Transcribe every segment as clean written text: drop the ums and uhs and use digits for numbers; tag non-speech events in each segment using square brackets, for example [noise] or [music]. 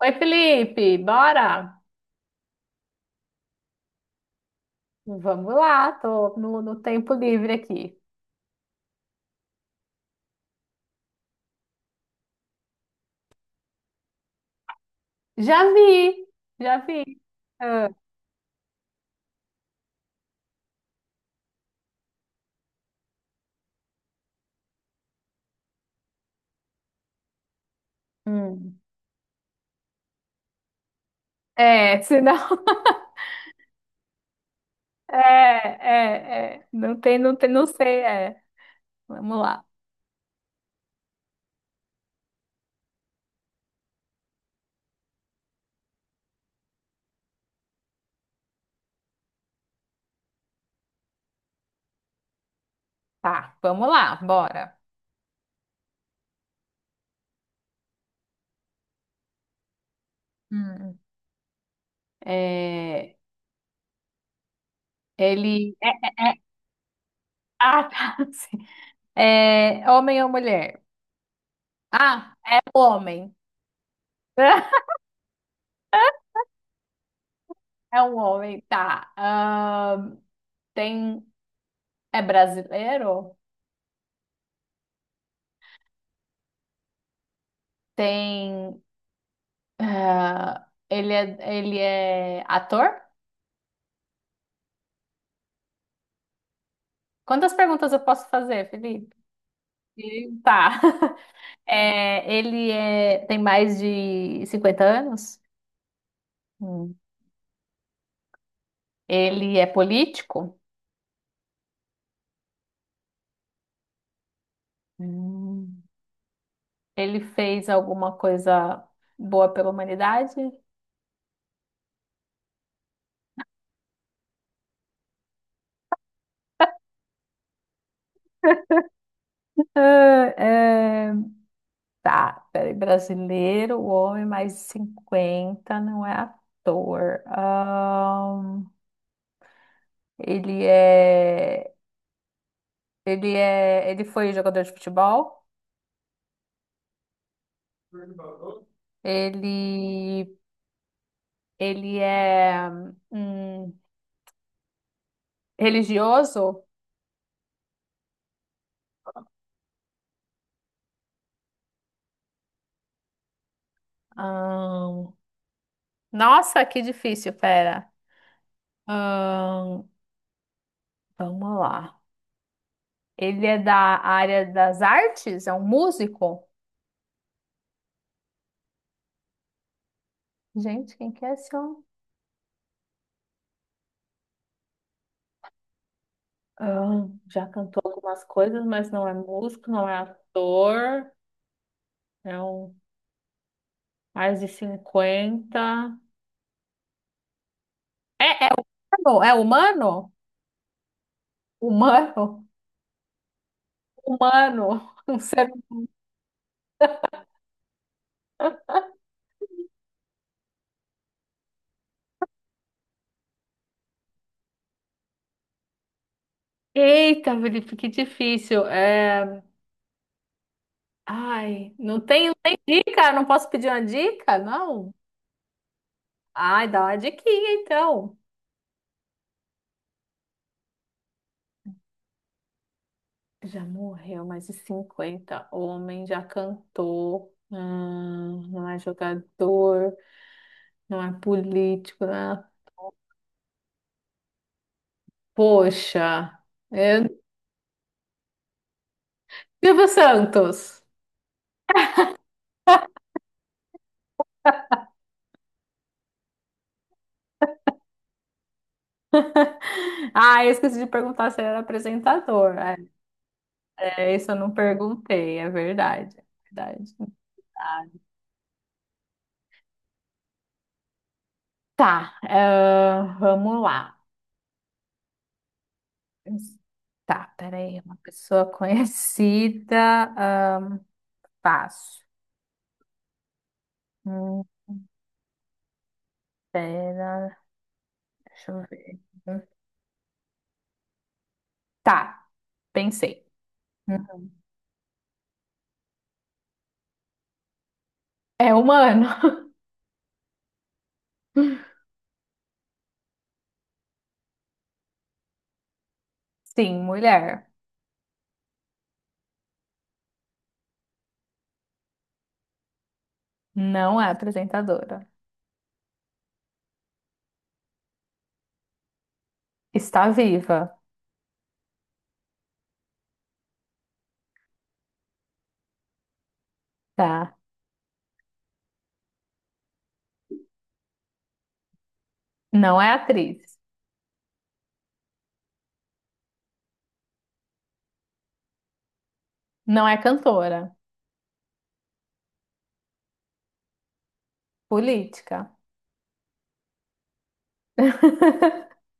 Oi, Felipe, bora? Vamos lá, tô no tempo livre aqui. Já vi, já vi. Ah, hum. É, senão. [laughs] É, é, é. Não tem, não tem, não sei, é. Vamos lá. Tá, vamos lá, bora. Hum. É, ele. É, Ah, tá. [laughs] Sim. É, homem ou mulher? Ah, é homem. [laughs] É um homem, tá. Tem. É brasileiro? Tem. Ah, ele é ator? Quantas perguntas eu posso fazer, Felipe? Tá. [laughs] É, ele é, tem mais de 50 anos? Hum. Ele é político? Hum. Ele fez alguma coisa boa pela humanidade? Ah, é, tá, peraí, brasileiro, o homem mais de 50 não é ator. Ele é, ele é, ele foi jogador de futebol. Ele, ele é hum, religioso. Ahn, nossa, que difícil, pera. Ahn, vamos lá. Ele é da área das artes? É um músico? Gente, quem que é esse? Ah, já cantou algumas coisas, mas não é músico, não é ator. É um mais de cinquenta. É, é humano? É humano? Humano? Humano. Um ser... Eita, Felipe, que difícil. É... Ai, não tenho nem dica, não posso pedir uma dica, não? Ai, dá uma diquinha então. Já morreu, mais de cinquenta, homem, já cantou. Não é jogador. Não é político, né? Poxa, é... Silvio Santos. Ah, eu esqueci de perguntar se ele era apresentador. É, isso eu não perguntei, é verdade. É verdade. Tá, ah, vamos lá. Tá, peraí, uma pessoa [laughs] conhecida, ahn, fácil. Hum, pera, deixa eu ver. Tá, pensei. Uhum. É humano. [laughs] Sim, mulher. Não é apresentadora. Está viva. Tá. Não é atriz. Não é cantora. Política. [laughs]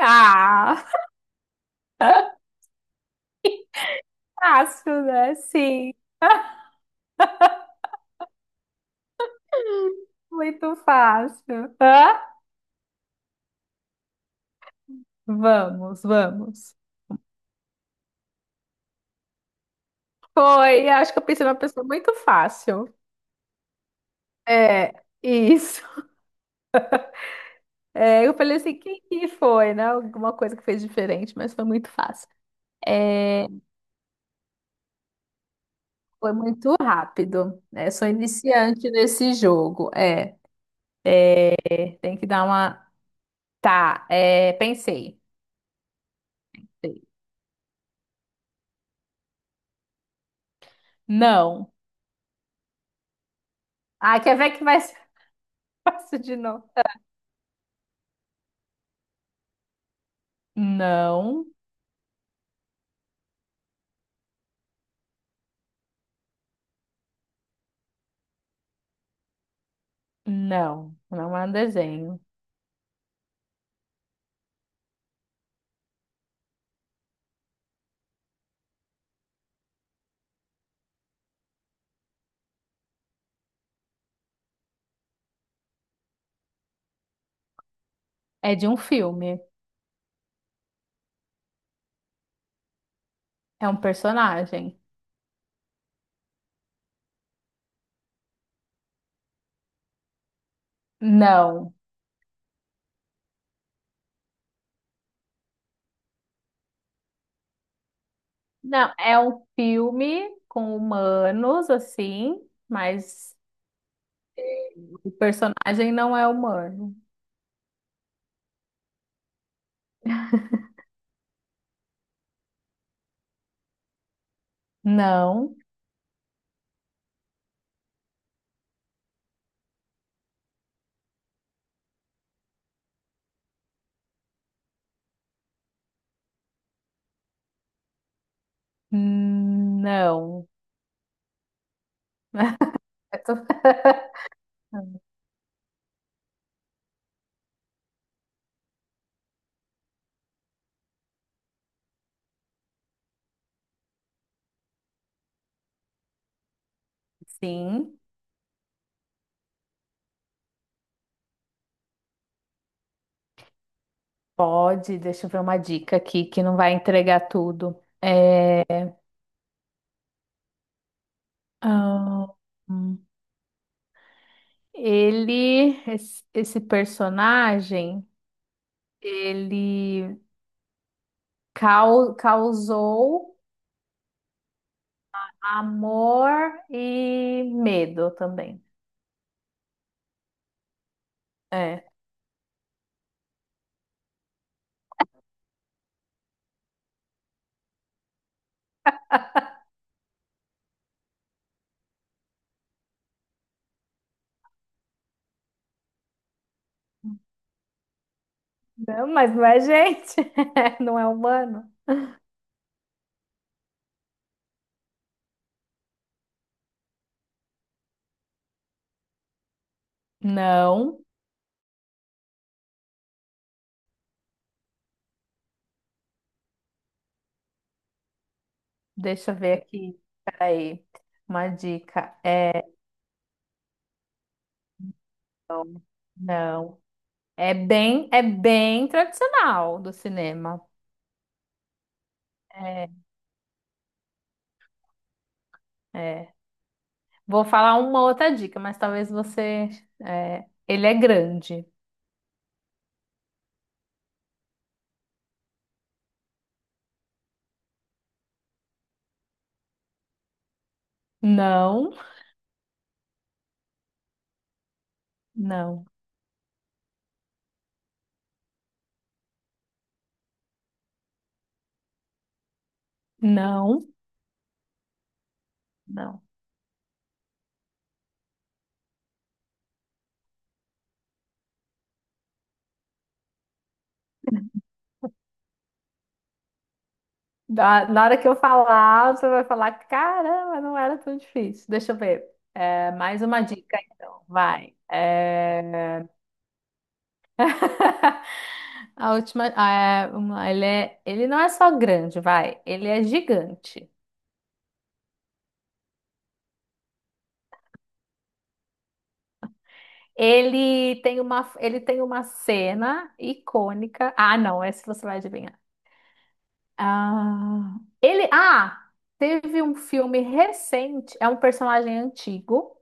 Ah! Fácil, né? Sim. [laughs] Muito fácil. Hã? Vamos, vamos. Foi, acho que eu pensei numa pessoa muito fácil. É, isso. É, eu falei assim, quem que foi, né? Alguma coisa que fez diferente, mas foi muito fácil. É, foi muito rápido, né? Sou iniciante nesse jogo. Tem que dar uma... Tá, é, pensei. Não. Ah, quer ver que vai ser [laughs] fácil de novo? Não, não. Não é um desenho. É de um filme. É um personagem. Não. Não, é um filme com humanos, assim, mas o personagem não é humano. Não, não. [laughs] Eu tô- [laughs] Sim. Pode, deixa eu ver uma dica aqui que não vai entregar tudo. É, ah, hum. esse personagem, ele causou amor e medo também. É. Não, mas não é gente, [laughs] não é humano. Não, deixa eu ver aqui. Peraí, uma dica. É, não. É bem tradicional do cinema. É, é. Vou falar uma outra dica, mas talvez você... É, ele é grande. Não, não, não, não. Na hora que eu falar, você vai falar: caramba, não era tão difícil. Deixa eu ver. É, mais uma dica, então. Vai. É, [laughs] a última. Ah, é, ele é, ele não é só grande, vai. Ele é gigante. Ele tem uma cena icônica. Ah, não, essa você vai adivinhar. Ah, teve um filme recente, é um personagem antigo,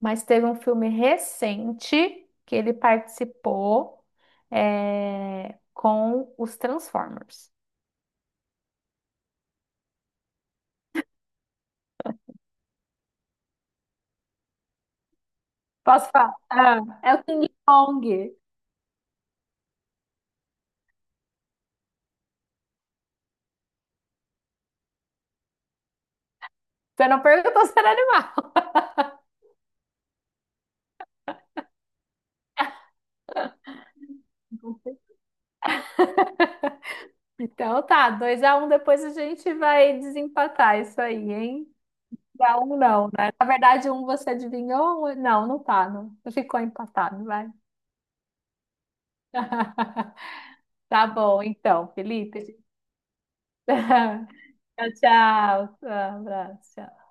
mas teve um filme recente que ele participou, é, com os Transformers. Posso falar? Ah, é o King Kong. Você não perguntou se era animal. [laughs] Então tá, 2 a 1. Depois a gente vai desempatar isso aí, hein? Pra um não, né? Na verdade, um você adivinhou? Não, não tá, não. Ficou empatado, vai. [laughs] Tá bom, então, Felipe. [laughs] Tchau, tchau. Um abraço. Tchau.